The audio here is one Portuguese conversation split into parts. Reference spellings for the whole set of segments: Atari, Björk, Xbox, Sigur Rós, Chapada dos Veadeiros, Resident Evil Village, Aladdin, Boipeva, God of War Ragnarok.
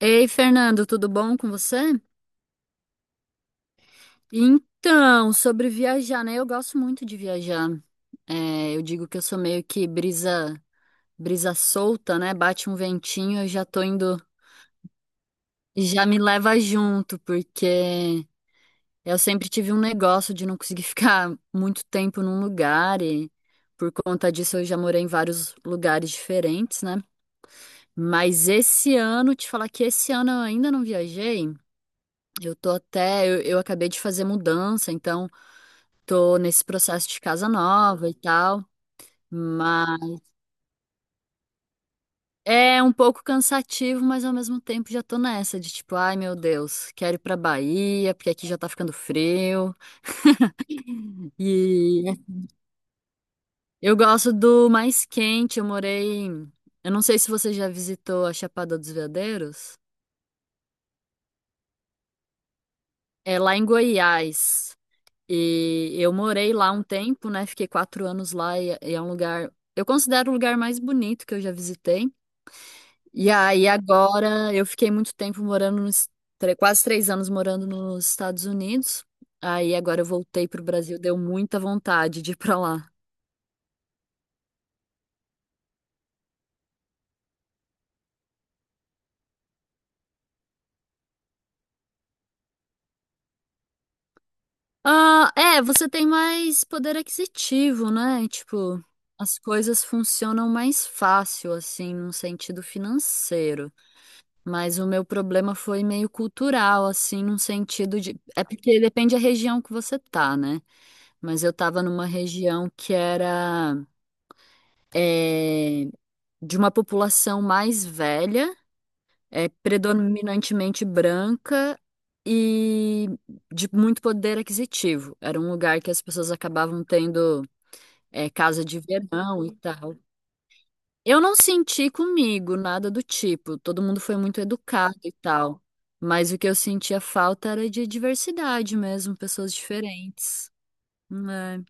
Ei, Fernando, tudo bom com você? Então, sobre viajar, né? Eu gosto muito de viajar. É, eu digo que eu sou meio que brisa solta, né? Bate um ventinho, eu já tô indo, já me leva junto, porque eu sempre tive um negócio de não conseguir ficar muito tempo num lugar e por conta disso eu já morei em vários lugares diferentes, né? Mas esse ano, te falar que esse ano eu ainda não viajei. Eu tô até, eu acabei de fazer mudança, então tô nesse processo de casa nova e tal, mas é um pouco cansativo, mas ao mesmo tempo já tô nessa de tipo, ai meu Deus, quero ir pra Bahia, porque aqui já tá ficando frio. E eu gosto do mais quente, eu não sei se você já visitou a Chapada dos Veadeiros, é lá em Goiás. E eu morei lá um tempo, né? Fiquei 4 anos lá e é um lugar, eu considero o lugar mais bonito que eu já visitei. E aí agora eu fiquei muito tempo morando nos quase 3 anos morando nos Estados Unidos. Aí agora eu voltei pro Brasil, deu muita vontade de ir pra lá. Ah, é, você tem mais poder aquisitivo, né? Tipo, as coisas funcionam mais fácil, assim, num sentido financeiro. Mas o meu problema foi meio cultural, assim, num sentido de. É porque depende da região que você tá? Mas eu tava numa região que era, é, de uma população mais velha, predominantemente branca e de muito poder aquisitivo. Era um lugar que as pessoas acabavam tendo, casa de verão e tal. Eu não senti comigo nada do tipo, todo mundo foi muito educado e tal. Mas o que eu sentia falta era de diversidade mesmo, pessoas diferentes, né?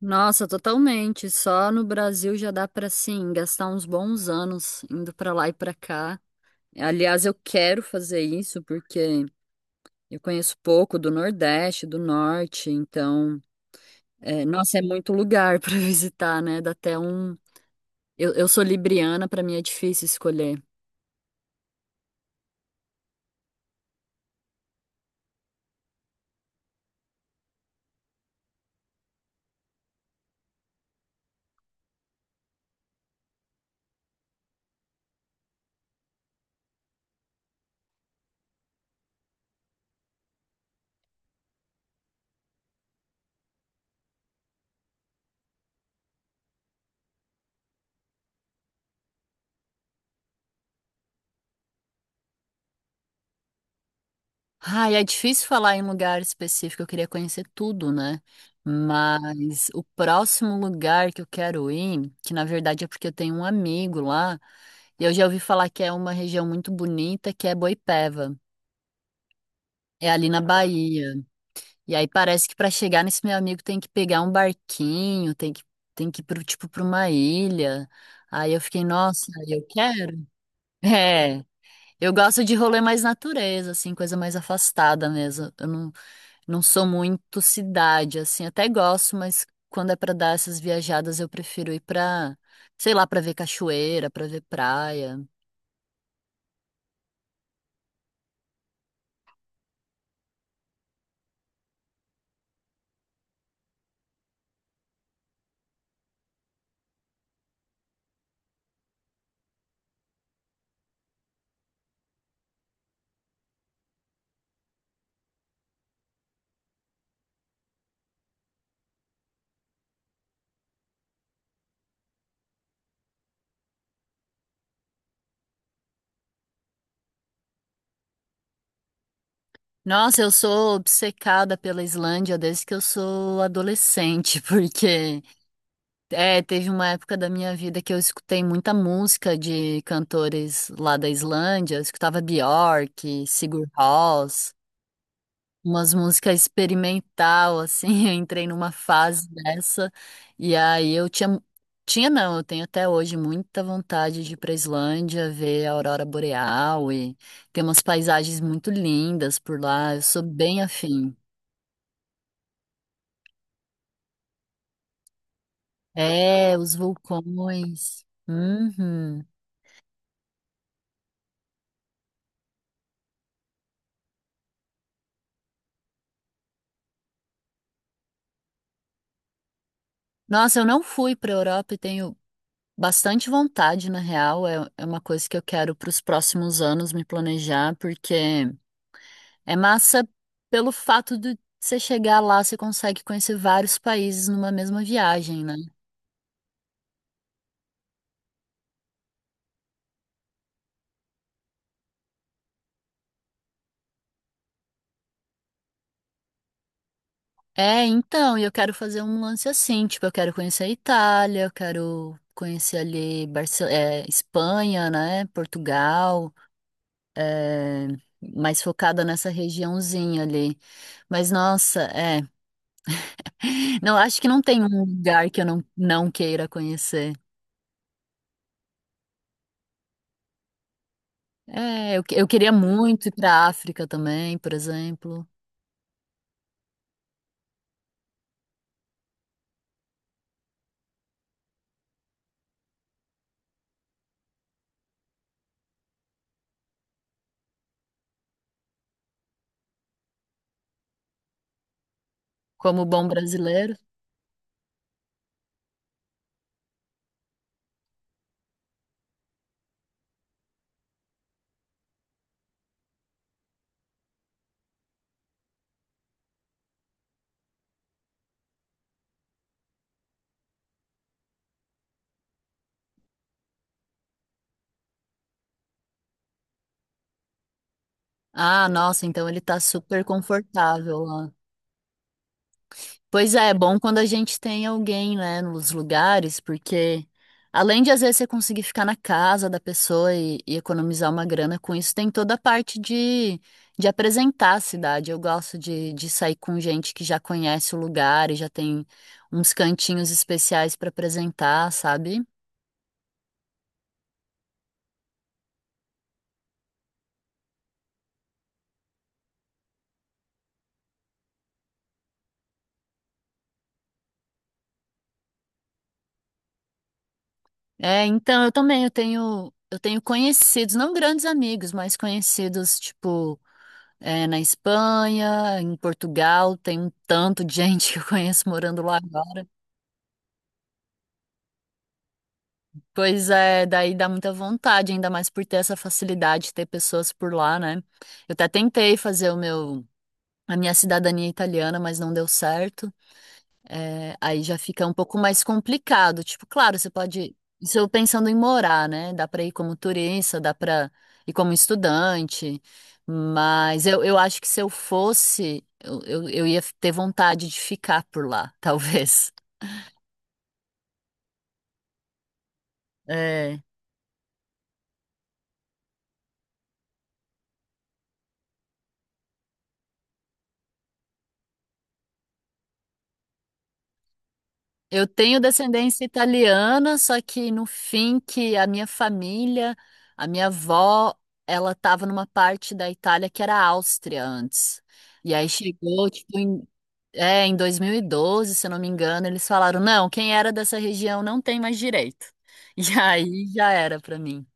Nossa, totalmente. Só no Brasil já dá pra, assim, gastar uns bons anos indo pra lá e pra cá. Aliás, eu quero fazer isso porque eu conheço pouco do Nordeste, do Norte, então, nossa, é muito lugar para visitar, né? Dá até um. Eu sou libriana, para mim é difícil escolher. Ai, é difícil falar em lugar específico, eu queria conhecer tudo, né? Mas o próximo lugar que eu quero ir, que na verdade é porque eu tenho um amigo lá, e eu já ouvi falar que é uma região muito bonita, que é Boipeva. É ali na Bahia. E aí parece que para chegar nesse meu amigo tem que pegar um barquinho, tem que ir pro tipo para uma ilha. Aí eu fiquei, nossa, eu quero. É, eu gosto de rolê mais natureza, assim, coisa mais afastada mesmo. Eu não sou muito cidade, assim, até gosto, mas quando é para dar essas viajadas eu prefiro ir pra, sei lá, pra ver cachoeira, pra ver praia. Nossa, eu sou obcecada pela Islândia desde que eu sou adolescente, porque teve uma época da minha vida que eu escutei muita música de cantores lá da Islândia. Eu escutava Björk, Sigur Rós, umas músicas experimental, assim. Eu entrei numa fase dessa e aí eu tinha, tinha não, eu tenho até hoje muita vontade de ir pra Islândia, ver a aurora boreal e tem umas paisagens muito lindas por lá. Eu sou bem afim. É, os vulcões. Uhum. Nossa, eu não fui para Europa e tenho bastante vontade, na real, é uma coisa que eu quero para os próximos anos me planejar, porque é massa pelo fato de você chegar lá, você consegue conhecer vários países numa mesma viagem, né? É, então, e eu quero fazer um lance assim, tipo, eu quero conhecer a Itália, eu quero conhecer ali Espanha, né? Portugal, é, mais focada nessa regiãozinha ali. Mas, nossa, Não, acho que não tem um lugar que eu não queira conhecer. É, eu queria muito ir para a África também, por exemplo, como bom brasileiro. Ah, nossa, então ele tá super confortável lá. Pois é, é bom quando a gente tem alguém, né, nos lugares, porque além de às vezes você conseguir ficar na casa da pessoa e economizar uma grana com isso, tem toda a parte de apresentar a cidade. Eu gosto de sair com gente que já conhece o lugar e já tem uns cantinhos especiais para apresentar, sabe? É, então eu também eu tenho conhecidos, não grandes amigos, mas conhecidos tipo na Espanha, em Portugal, tem um tanto de gente que eu conheço morando lá agora. Pois é, daí dá muita vontade, ainda mais por ter essa facilidade de ter pessoas por lá, né? Eu até tentei fazer o meu a minha cidadania italiana, mas não deu certo. É, aí já fica um pouco mais complicado. Tipo, claro, você pode. Isso eu pensando em morar, né? Dá para ir como turista, dá para ir como estudante. Mas eu acho que se eu fosse, eu ia ter vontade de ficar por lá, talvez. É. Eu tenho descendência italiana, só que no fim que a minha família, a minha avó, ela estava numa parte da Itália que era Áustria antes. E aí chegou, tipo, em 2012, se eu não me engano, eles falaram, não, quem era dessa região não tem mais direito. E aí já era para mim.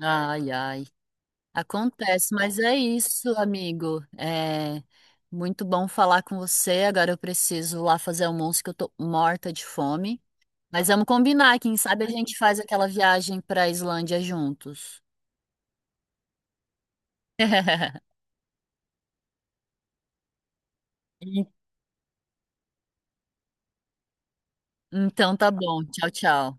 Ai, ai. Acontece, mas é isso, amigo. É muito bom falar com você. Agora eu preciso lá fazer almoço que eu tô morta de fome. Mas vamos combinar, quem sabe a gente faz aquela viagem para a Islândia juntos. Então tá bom. Tchau, tchau.